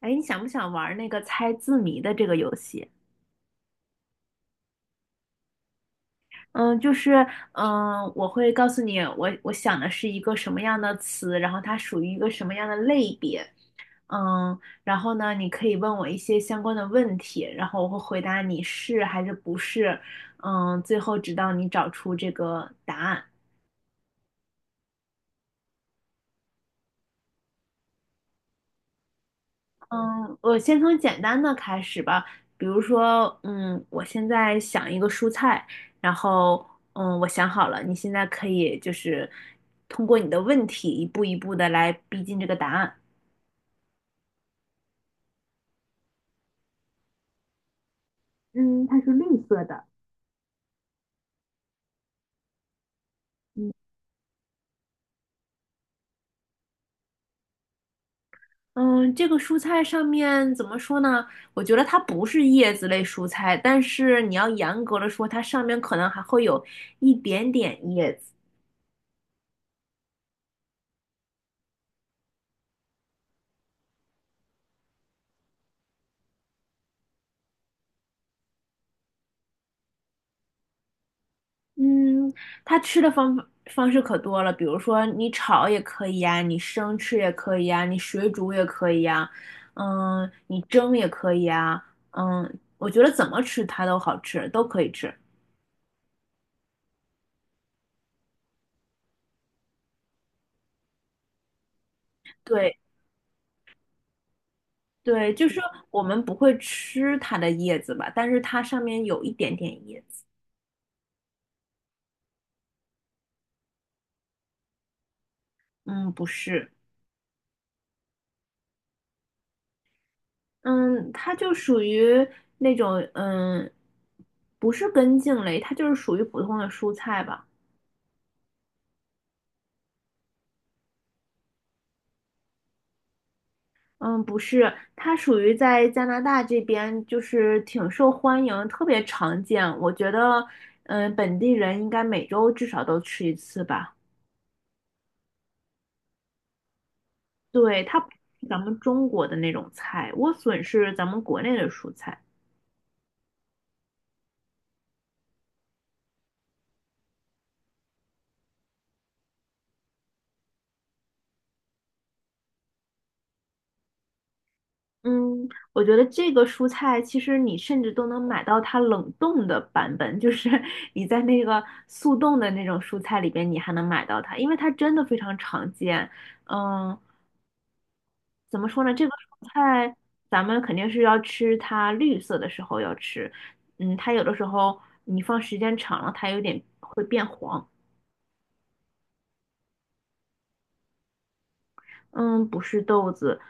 哎，你想不想玩那个猜字谜的这个游戏？嗯，就是我会告诉你我想的是一个什么样的词，然后它属于一个什么样的类别。然后呢，你可以问我一些相关的问题，然后我会回答你是还是不是。最后直到你找出这个答案。嗯，我先从简单的开始吧。比如说，我现在想一个蔬菜，然后，我想好了，你现在可以就是通过你的问题一步一步的来逼近这个答案。嗯，它是绿色的。嗯，嗯，这个蔬菜上面怎么说呢？我觉得它不是叶子类蔬菜，但是你要严格的说，它上面可能还会有一点点叶子。嗯，它吃的方法方式可多了，比如说你炒也可以呀，你生吃也可以呀，你水煮也可以呀，你蒸也可以呀，我觉得怎么吃它都好吃，都可以吃。对对，就是我们不会吃它的叶子吧，但是它上面有一点点叶子。嗯，不是。嗯，它就属于那种不是根茎类，它就是属于普通的蔬菜吧。嗯，不是，它属于在加拿大这边，就是挺受欢迎，特别常见。我觉得，本地人应该每周至少都吃一次吧。对，它不是咱们中国的那种菜，莴笋是咱们国内的蔬菜。嗯，我觉得这个蔬菜其实你甚至都能买到它冷冻的版本，就是 你在那个速冻的那种蔬菜里边，你还能买到它，因为它真的非常常见。嗯，怎么说呢？这个蔬菜咱们肯定是要吃它绿色的时候要吃。它有的时候你放时间长了，它有点会变黄。嗯，不是豆子。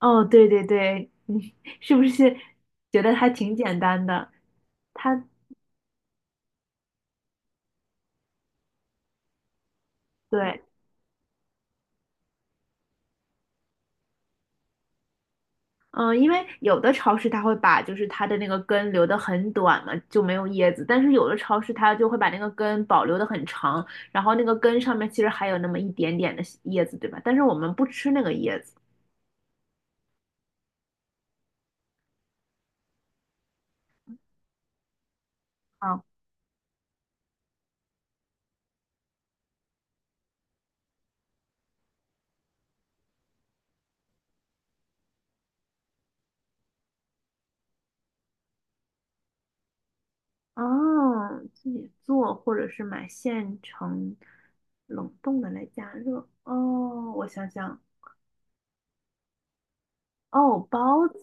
哦，对对对，你 是不是觉得还挺简单的？它对，嗯，因为有的超市它会把就是它的那个根留得很短嘛，就没有叶子，但是有的超市它就会把那个根保留的很长，然后那个根上面其实还有那么一点点的叶子，对吧？但是我们不吃那个叶子。哦。哦，自己做或者是买现成冷冻的来加热。哦，我想想，哦，包子。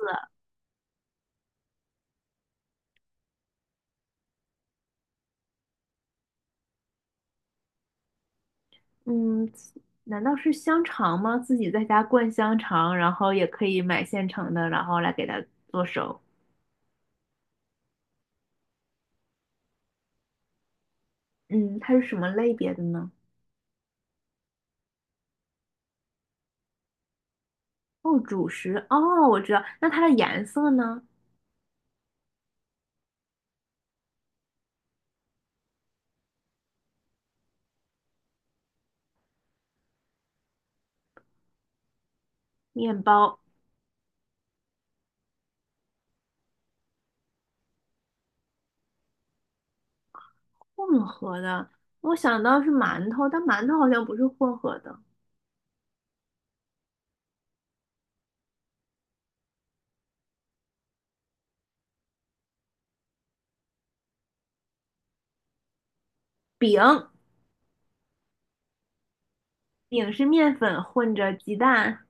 嗯，难道是香肠吗？自己在家灌香肠，然后也可以买现成的，然后来给它做熟。嗯，它是什么类别的呢？哦，主食。哦，我知道。那它的颜色呢？面包。混合的，我想到是馒头，但馒头好像不是混合的。饼。饼是面粉混着鸡蛋。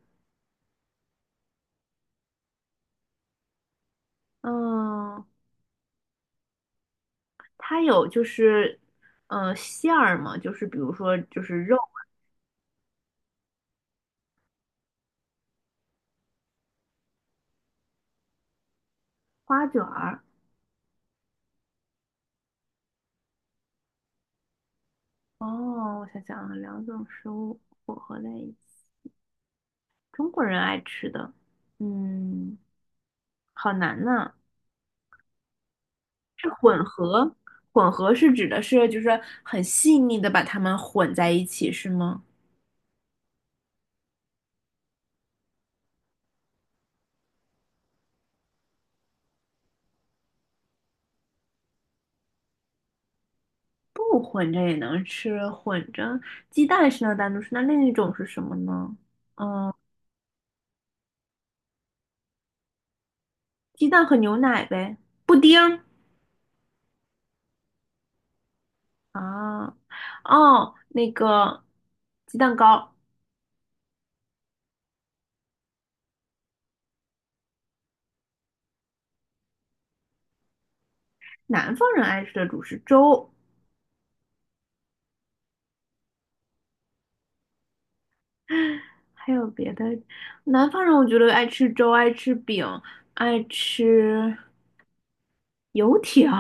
嗯，它有馅儿嘛，比如说肉。花卷儿。哦，我想想啊，两种食物混合在一起，中国人爱吃的。嗯，好难呐。呃，混合指的是很细腻的把它们混在一起，是吗？不混着也能吃，混着鸡蛋是能单独吃，那另一种是什么呢？嗯，鸡蛋和牛奶呗，布丁儿。啊，哦，那个鸡蛋糕。南方人爱吃的主食粥。还有别的，南方人我觉得爱吃粥，爱吃饼，爱吃油条。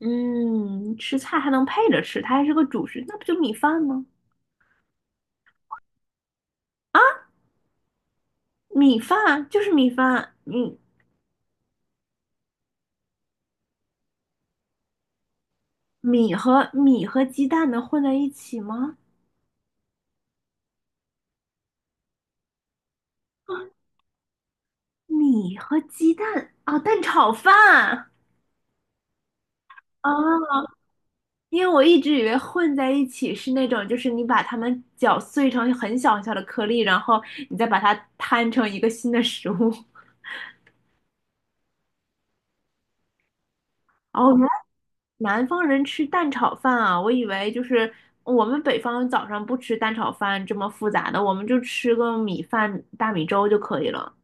嗯，吃菜还能配着吃，它还是个主食，那不就米饭吗？米饭就是米饭。嗯，米和鸡蛋能混在一起吗？米和鸡蛋，啊，蛋炒饭。啊，因为我一直以为混在一起是那种，就是你把它们搅碎成很小很小的颗粒，然后你再把它摊成一个新的食物。哦，原来南方人吃蛋炒饭啊。我以为就是我们北方早上不吃蛋炒饭这么复杂的，我们就吃个米饭、大米粥就可以了。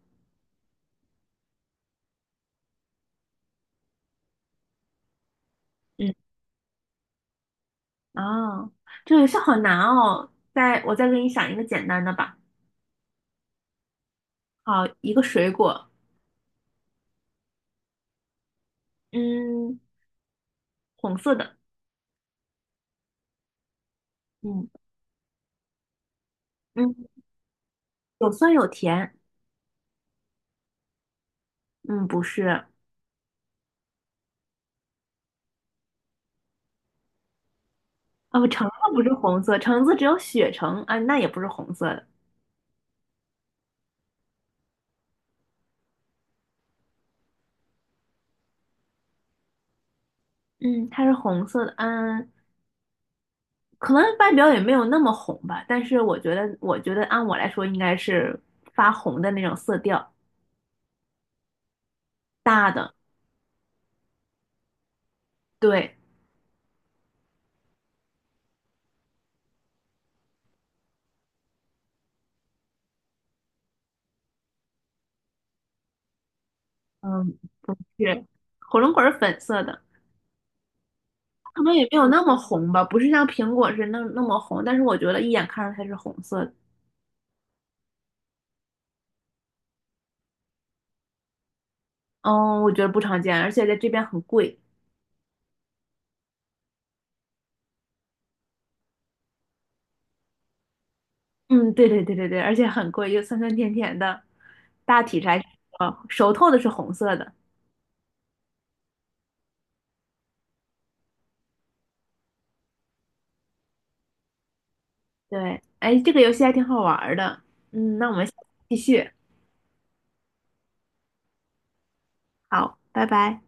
嗯，啊，这个游戏好难哦。我再给你想一个简单的吧。好，一个水果。嗯，红色的。嗯嗯，有酸有甜。嗯，不是。啊，橙子不是红色，橙子只有血橙啊，那也不是红色的。嗯，它是红色的。嗯，可能外表也没有那么红吧，但是我觉得按我来说应该是发红的那种色调。大的。对。嗯，是，火龙果是粉色的。可能也没有那么红吧，不是像苹果是那么红，但是我觉得一眼看上它是红色的。嗯，我觉得不常见，而且在这边很贵。嗯，对对对对对，而且很贵，又酸酸甜甜的。大体上，还是熟透的是红色的。对，哎，这个游戏还挺好玩儿的。那我们下次继续。好，拜拜。